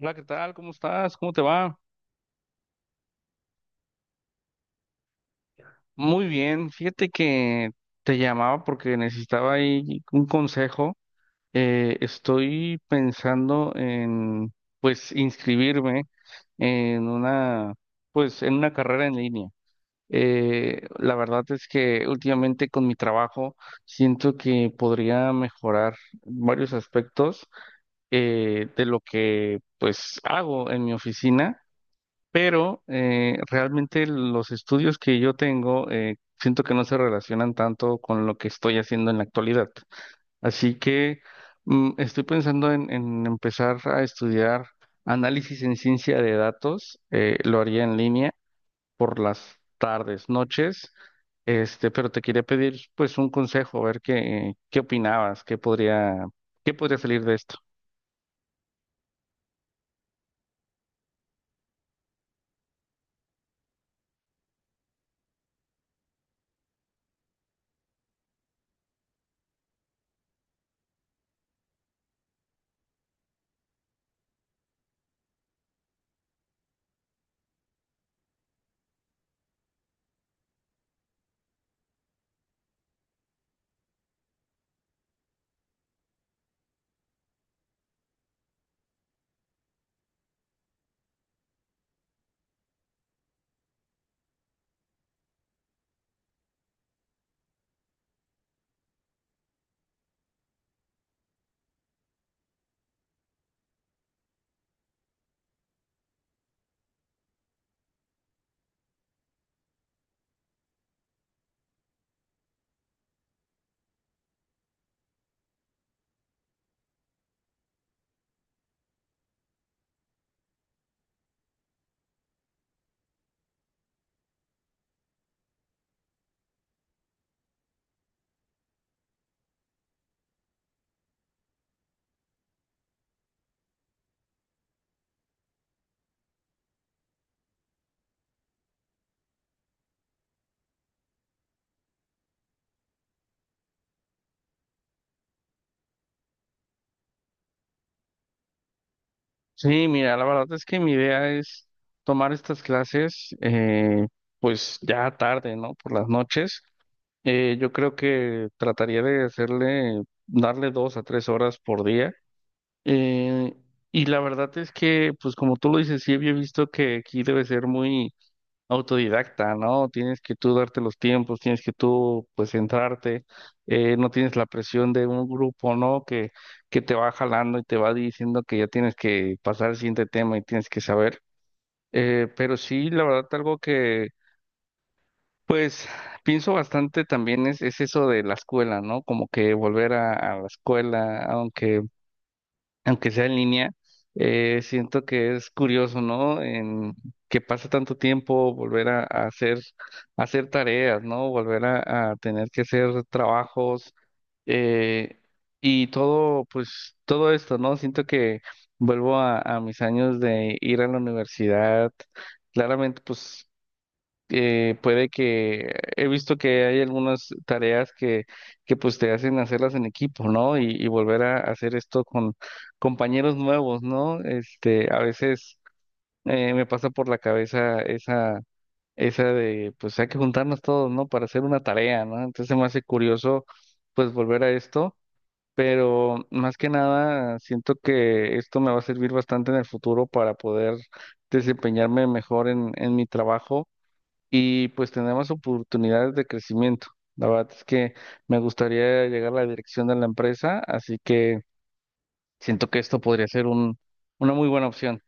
Hola, ¿qué tal? ¿Cómo estás? ¿Cómo te va? Muy bien. Fíjate que te llamaba porque necesitaba ahí un consejo. Estoy pensando en pues, inscribirme en una pues, en una carrera en línea. La verdad es que últimamente con mi trabajo siento que podría mejorar varios aspectos de lo que, pues, hago en mi oficina, pero realmente los estudios que yo tengo, siento que no se relacionan tanto con lo que estoy haciendo en la actualidad. Así que estoy pensando en empezar a estudiar análisis en ciencia de datos. Lo haría en línea por las tardes, noches. Este, pero te quería pedir pues un consejo, a ver qué opinabas, qué podría salir de esto. Sí, mira, la verdad es que mi idea es tomar estas clases, pues ya tarde, ¿no? Por las noches. Yo creo que darle dos a tres horas por día. Eh, y la verdad es que, pues como tú lo dices, sí, había visto que aquí debe ser muy autodidacta, ¿no? Tienes que tú darte los tiempos, tienes que tú, pues, centrarte, no tienes la presión de un grupo, ¿no? Que te va jalando y te va diciendo que ya tienes que pasar al siguiente tema y tienes que saber. Pero sí, la verdad, algo que, pues, pienso bastante también es eso de la escuela, ¿no? Como que volver a la escuela, aunque sea en línea, siento que es curioso, ¿no? En que pasa tanto tiempo volver a hacer tareas, ¿no? Volver a tener que hacer trabajos, eh, y todo, pues todo esto, ¿no? Siento que vuelvo a mis años de ir a la universidad. Claramente, pues puede que he visto que hay algunas tareas que pues te hacen hacerlas en equipo, ¿no? Y volver a hacer esto con compañeros nuevos, ¿no? Este, a veces me pasa por la cabeza esa de, pues hay que juntarnos todos, ¿no? Para hacer una tarea, ¿no? Entonces se me hace curioso, pues volver a esto. Pero más que nada, siento que esto me va a servir bastante en el futuro para poder desempeñarme mejor en mi trabajo y pues tenemos oportunidades de crecimiento. La verdad es que me gustaría llegar a la dirección de la empresa, así que siento que esto podría ser una muy buena opción.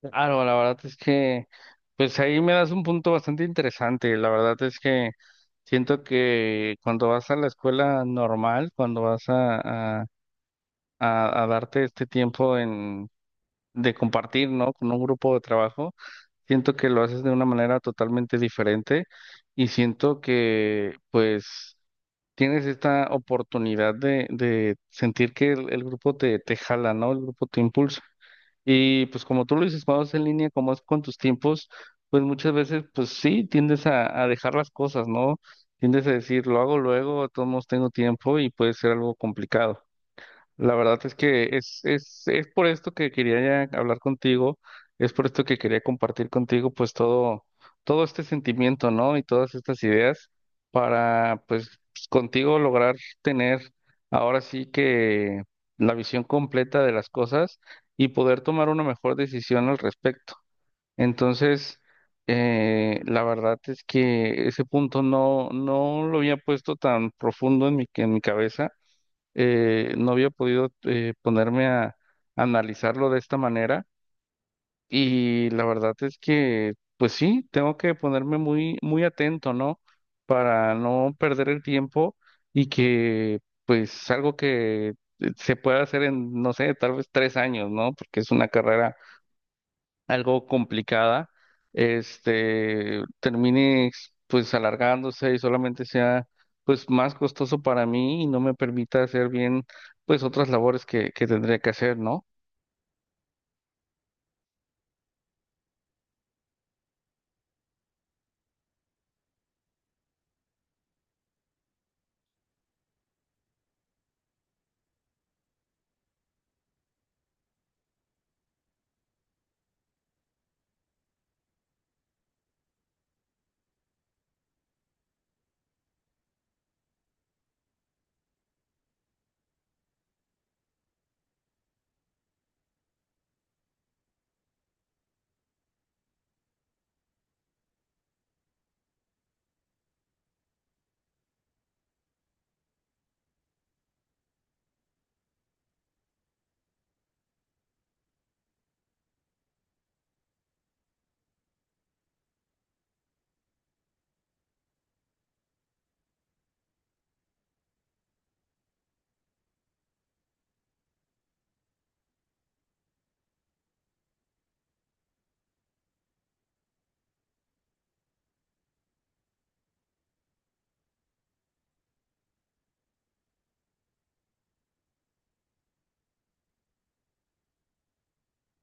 Claro, la verdad es que, pues ahí me das un punto bastante interesante. La verdad es que siento que cuando vas a la escuela normal, cuando vas a darte este tiempo de compartir, ¿no? Con un grupo de trabajo, siento que lo haces de una manera totalmente diferente y siento que pues tienes esta oportunidad de sentir que el grupo te jala, ¿no? El grupo te impulsa. Y pues como tú lo dices, cuando es en línea, como es con tus tiempos, pues muchas veces pues sí, tiendes a dejar las cosas, ¿no? Tiendes a decir, lo hago luego, a todos modos tengo tiempo y puede ser algo complicado. La verdad es que es por esto que quería ya hablar contigo, es por esto que quería compartir contigo pues todo, todo este sentimiento, ¿no? Y todas estas ideas para pues contigo lograr tener ahora sí que la visión completa de las cosas y poder tomar una mejor decisión al respecto. Entonces, la verdad es que ese punto no lo había puesto tan profundo en en mi cabeza, no había podido, ponerme a analizarlo de esta manera, y la verdad es que, pues sí, tengo que ponerme muy, muy atento, ¿no? Para no perder el tiempo y que, pues, algo que se pueda hacer en, no sé, tal vez tres años, ¿no? Porque es una carrera algo complicada, este, termine pues alargándose y solamente sea pues más costoso para mí y no me permita hacer bien pues otras labores que tendría que hacer, ¿no?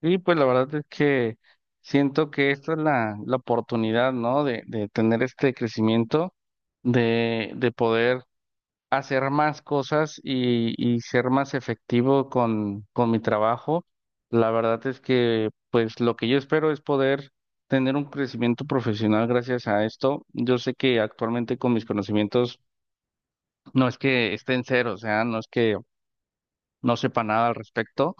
Y pues la verdad es que siento que esta es la oportunidad, ¿no? De tener este crecimiento, de poder hacer más cosas y ser más efectivo con mi trabajo. La verdad es que, pues, lo que yo espero es poder tener un crecimiento profesional gracias a esto. Yo sé que actualmente con mis conocimientos no es que esté en cero, o sea, no es que no sepa nada al respecto,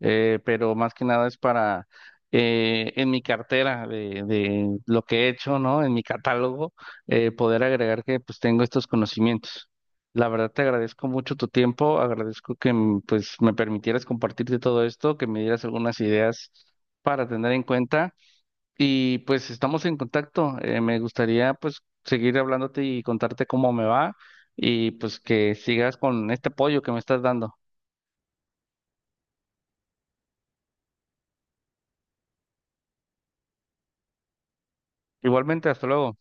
pero más que nada es para, en mi cartera de lo que he hecho, ¿no? En mi catálogo, poder agregar que pues tengo estos conocimientos. La verdad te agradezco mucho tu tiempo, agradezco que pues me permitieras compartirte todo esto, que me dieras algunas ideas para tener en cuenta y pues estamos en contacto. Me gustaría pues seguir hablándote y contarte cómo me va y pues que sigas con este apoyo que me estás dando. Igualmente, hasta luego.